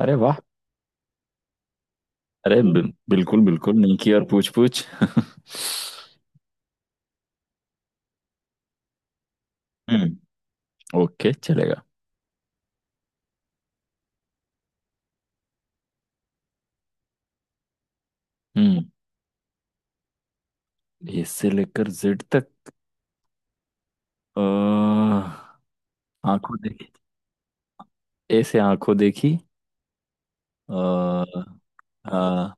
अरे वाह। अरे बिल्कुल बिल्कुल, निकी और पूछ पूछ हम्म। ओके, चलेगा। हम्म ए से लेकर जेड तक। अ, आंखों देखी। ए से आंखों देखी। आ, आ,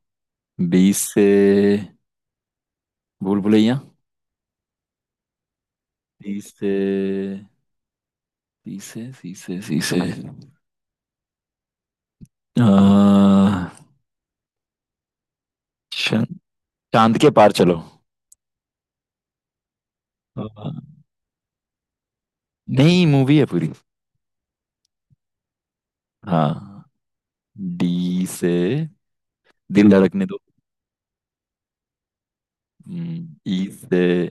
बी से भूल भुलैया। बी से, बी से, सी से, सी से। आ, शन- चांद के पार चलो। अ, नहीं, मूवी है पूरी। हाँ। डी से दिल धड़कने दो। ई से।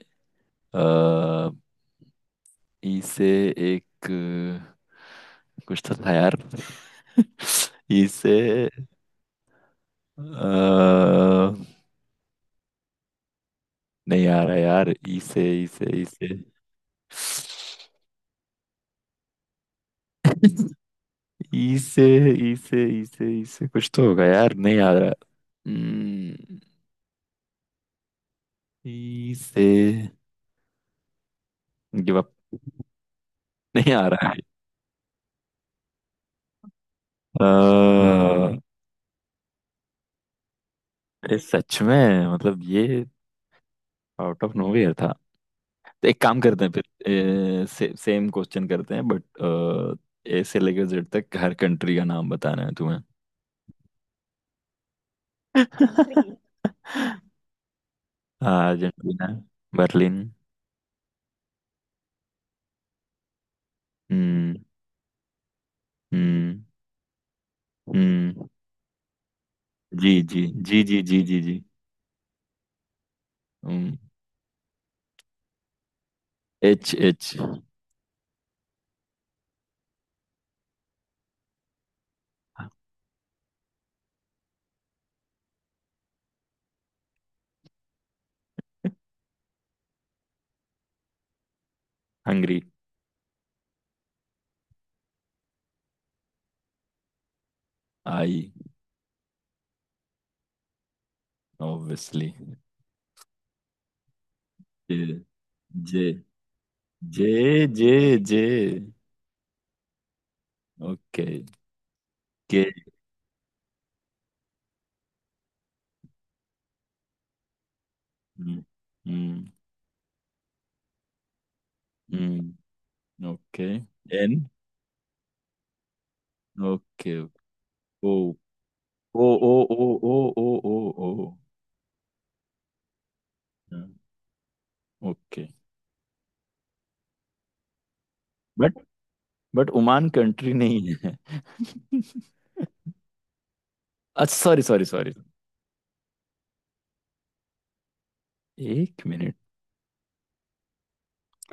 अ, ई से एक कुछ तो था यार। ई से। अ, नहीं आ रहा यार, ई से ई से, ई से, ई से। ई से, ई से, ई से, कुछ तो होगा यार, नहीं आ रहा। हम्म, ई से। Give up. नहीं आ रहा है। अ, ये सच में, मतलब ये, आउट ऑफ नोवेयर था। तो एक काम करते हैं फिर। सेम क्वेश्चन करते हैं, बट ए से लेकर जेड तक हर कंट्री का नाम बताना है तुम्हें। अर्जेंटीना। बर्लिन। हम्म। हम्म। हम्म। G G G G G G G. हम्म। H, H. Hungary. I. Obviously. J, J, J, J, J. Okay. K. हम्म। हम्म। Okay. N. Okay. O, O, O, O, O, O, O, O. Okay. But but Oman country नहीं है। अच्छा, sorry sorry sorry. एक minute.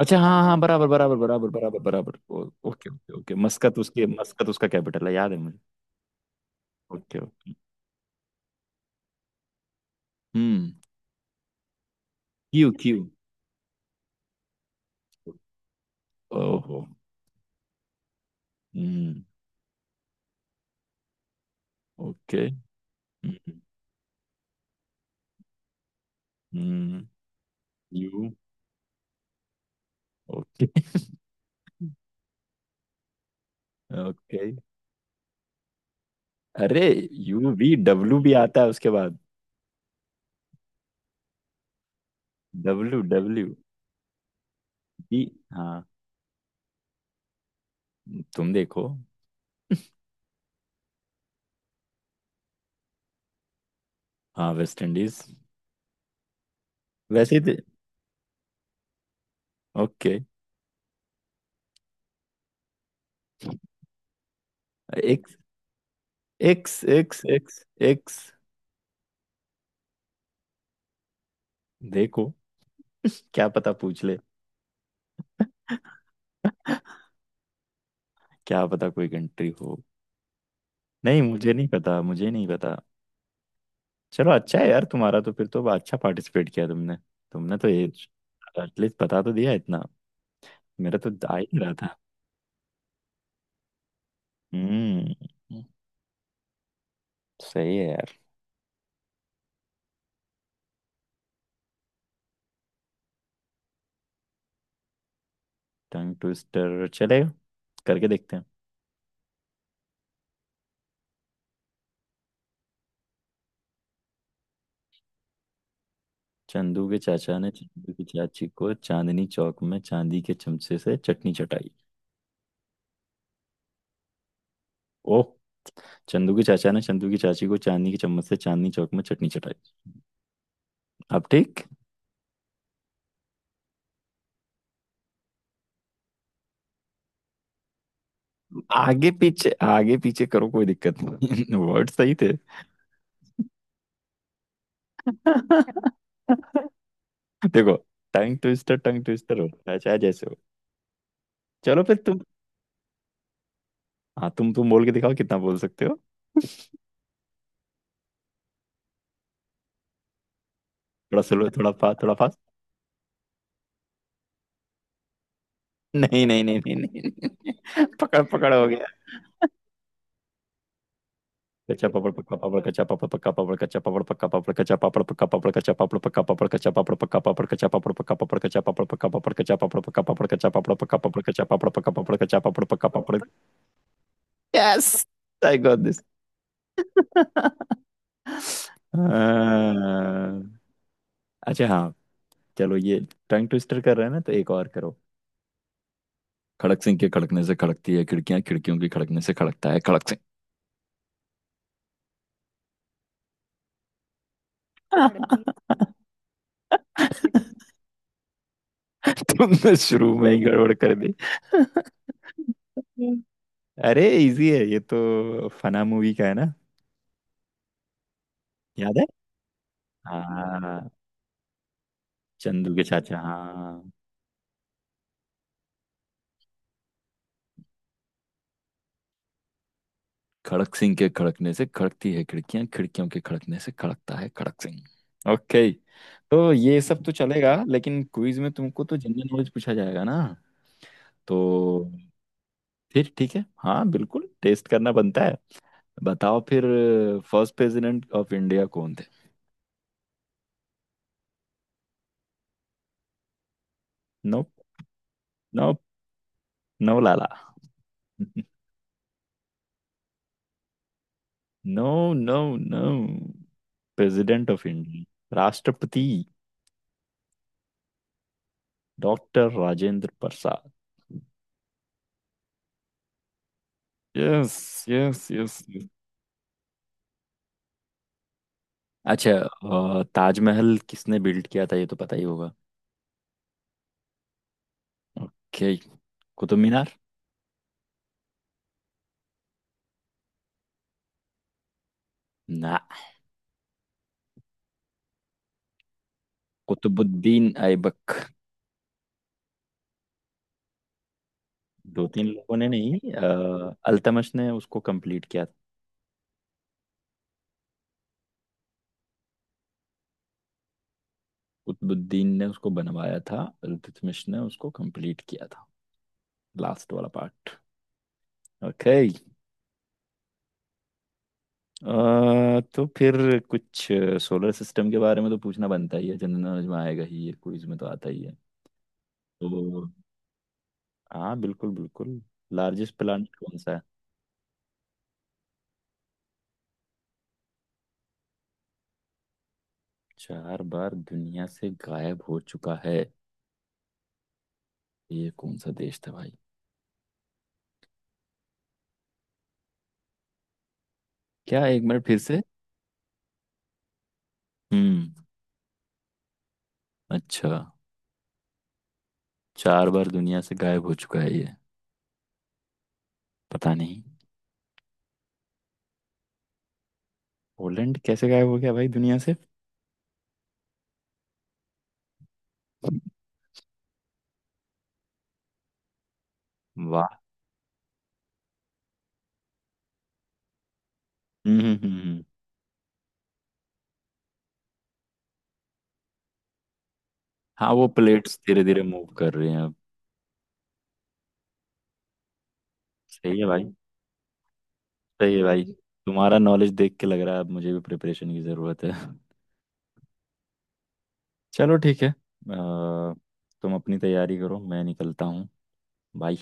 अच्छा हाँ हाँ, बराबर बराबर बराबर बराबर बराबर। Okay okay okay. मस्कत, उसके मस्कत, उसका कैपिटल है, याद है मुझे। Okay okay. हम्म। Q, Q. ओहो। हम्म। ओके। हम्म। यू। ओके। ओके। अरे, यू वी डब्ल्यू भी आता है उसके बाद। W, W. बी। हाँ। तुम देखो। हाँ, वेस्ट इंडीज। वैसे ही थे-। Okay. X, X, X, X, X. देखो। क्या पता, पूछ ले। क्या पता कोई कंट्री हो। नहीं, मुझे नहीं पता, मुझे नहीं पता। चलो, अच्छा है यार तुम्हारा तो, फिर तो अच्छा पार्टिसिपेट किया तुमने। तुमने तो ये, एटलीस्ट बता तो दिया इतना। मेरा तो आ ही नहीं रहा था। हम्म। सही है यार। टंग ट्विस्टर चलेगा, करके देखते हैं। चंदू के चाचा ने चंदू की चाची को चांदनी चौक में चांदी के चमचे से चटनी चटाई। ओह। चंदू के चाचा ने चंदू की चाची को चांदनी के चम्मच से चांदनी चौक में चटनी चटाई। अब ठीक। आगे पीछे, आगे पीछे करो, कोई दिक्कत नहीं वर्ड सही थे। देखो, टंग ट्विस्टर होता है, चाहे जैसे हो। चलो, फिर तुम। हाँ, तुम बोल के दिखाओ, कितना बोल सकते हो। थोड़ा स्लो, थोड़ा फास्ट, थोड़ा फास्ट। नहीं नहीं नहीं नहीं नहीं नहीं। पकड़ पकड़ हो गया। कच्चा पापड़ पक्का पापड़ कच्चा पापड़ पक्का पापड़ कच्चा पापड़ पक्का पापड़ कच्चा पापड़ पक्का पापड़ कच्चा पापड़ पक्का पापड़ कच्चा पापड़ पक्का पापड़ कच्चा पापड़ पक्का पापड़ कच्चा पापड़ पक्का पापड़ कच्चा पापड़ पक्का पापड़ कच्चा पापड़ पक्का पापड़ कच्चा पापड़ पक्का पापड़ कच्चा पापड़ पक्का पापड़। I got this. अच्छा हाँ, चलो ये टंग ट्विस्टर कर रहे हैं ना, तो एक और करो। खड़क सिंह के खड़कने से खड़कती है खिड़कियां, खिड़कियों के खड़कने से खड़कता है खड़क सिंह। तुमने शुरू में ही गड़बड़ कर दी। अरे, इजी है ये, तो फना मूवी का है ना, याद है। हाँ, चंदू के चाचा, हाँ। खड़क सिंह के खड़कने से खड़कती है खिड़कियां, खिड़कियों के खड़कने से खड़कता है खड़क सिंह। ओके, तो ये सब तो चलेगा, लेकिन क्विज में तुमको तो जनरल नॉलेज पूछा जाएगा ना। तो फिर ठीक है, हाँ बिल्कुल, टेस्ट करना बनता है। बताओ फिर। फर्स्ट प्रेसिडेंट ऑफ इंडिया कौन थे? No. No. No, Lala. No, no, no. President of India, राष्ट्रपति। Doctor Rajendra Prasad. Yes yes yes. अच्छा। ताजमहल किसने बिल्ड किया था? ये तो पता ही होगा। ओके, कुतुब मीनार। ना। कुतुबुद्दीन ऐबक। दो तीन लोगों ने नहीं, अल्तमश ने उसको कंप्लीट किया था। कुतुबुद्दीन ने उसको बनवाया था, अल्तमश ने उसको कंप्लीट किया था, लास्ट वाला पार्ट। ओके। तो फिर कुछ सोलर सिस्टम के बारे में तो पूछना बनता ही है, जनरल नॉलेज में आएगा ही ये, क्विज में तो आता ही है। तो हाँ, बिल्कुल बिल्कुल। लार्जेस्ट प्लानिट कौन सा है? चार बार दुनिया से गायब हो चुका है? ये कौन सा देश था भाई? क्या, एक मिनट, फिर से। हम्म। अच्छा, चार बार दुनिया से गायब हो चुका है ये? पता नहीं। पोलैंड कैसे गायब हो गया भाई दुनिया से? वाह। हम्म, हम्म, हाँ, वो प्लेट्स धीरे धीरे मूव कर रहे हैं अब। सही है भाई, सही है भाई। तुम्हारा नॉलेज देख के लग रहा है अब मुझे भी प्रिपरेशन की ज़रूरत है। चलो ठीक है। तुम अपनी तैयारी करो, मैं निकलता हूँ। बाय।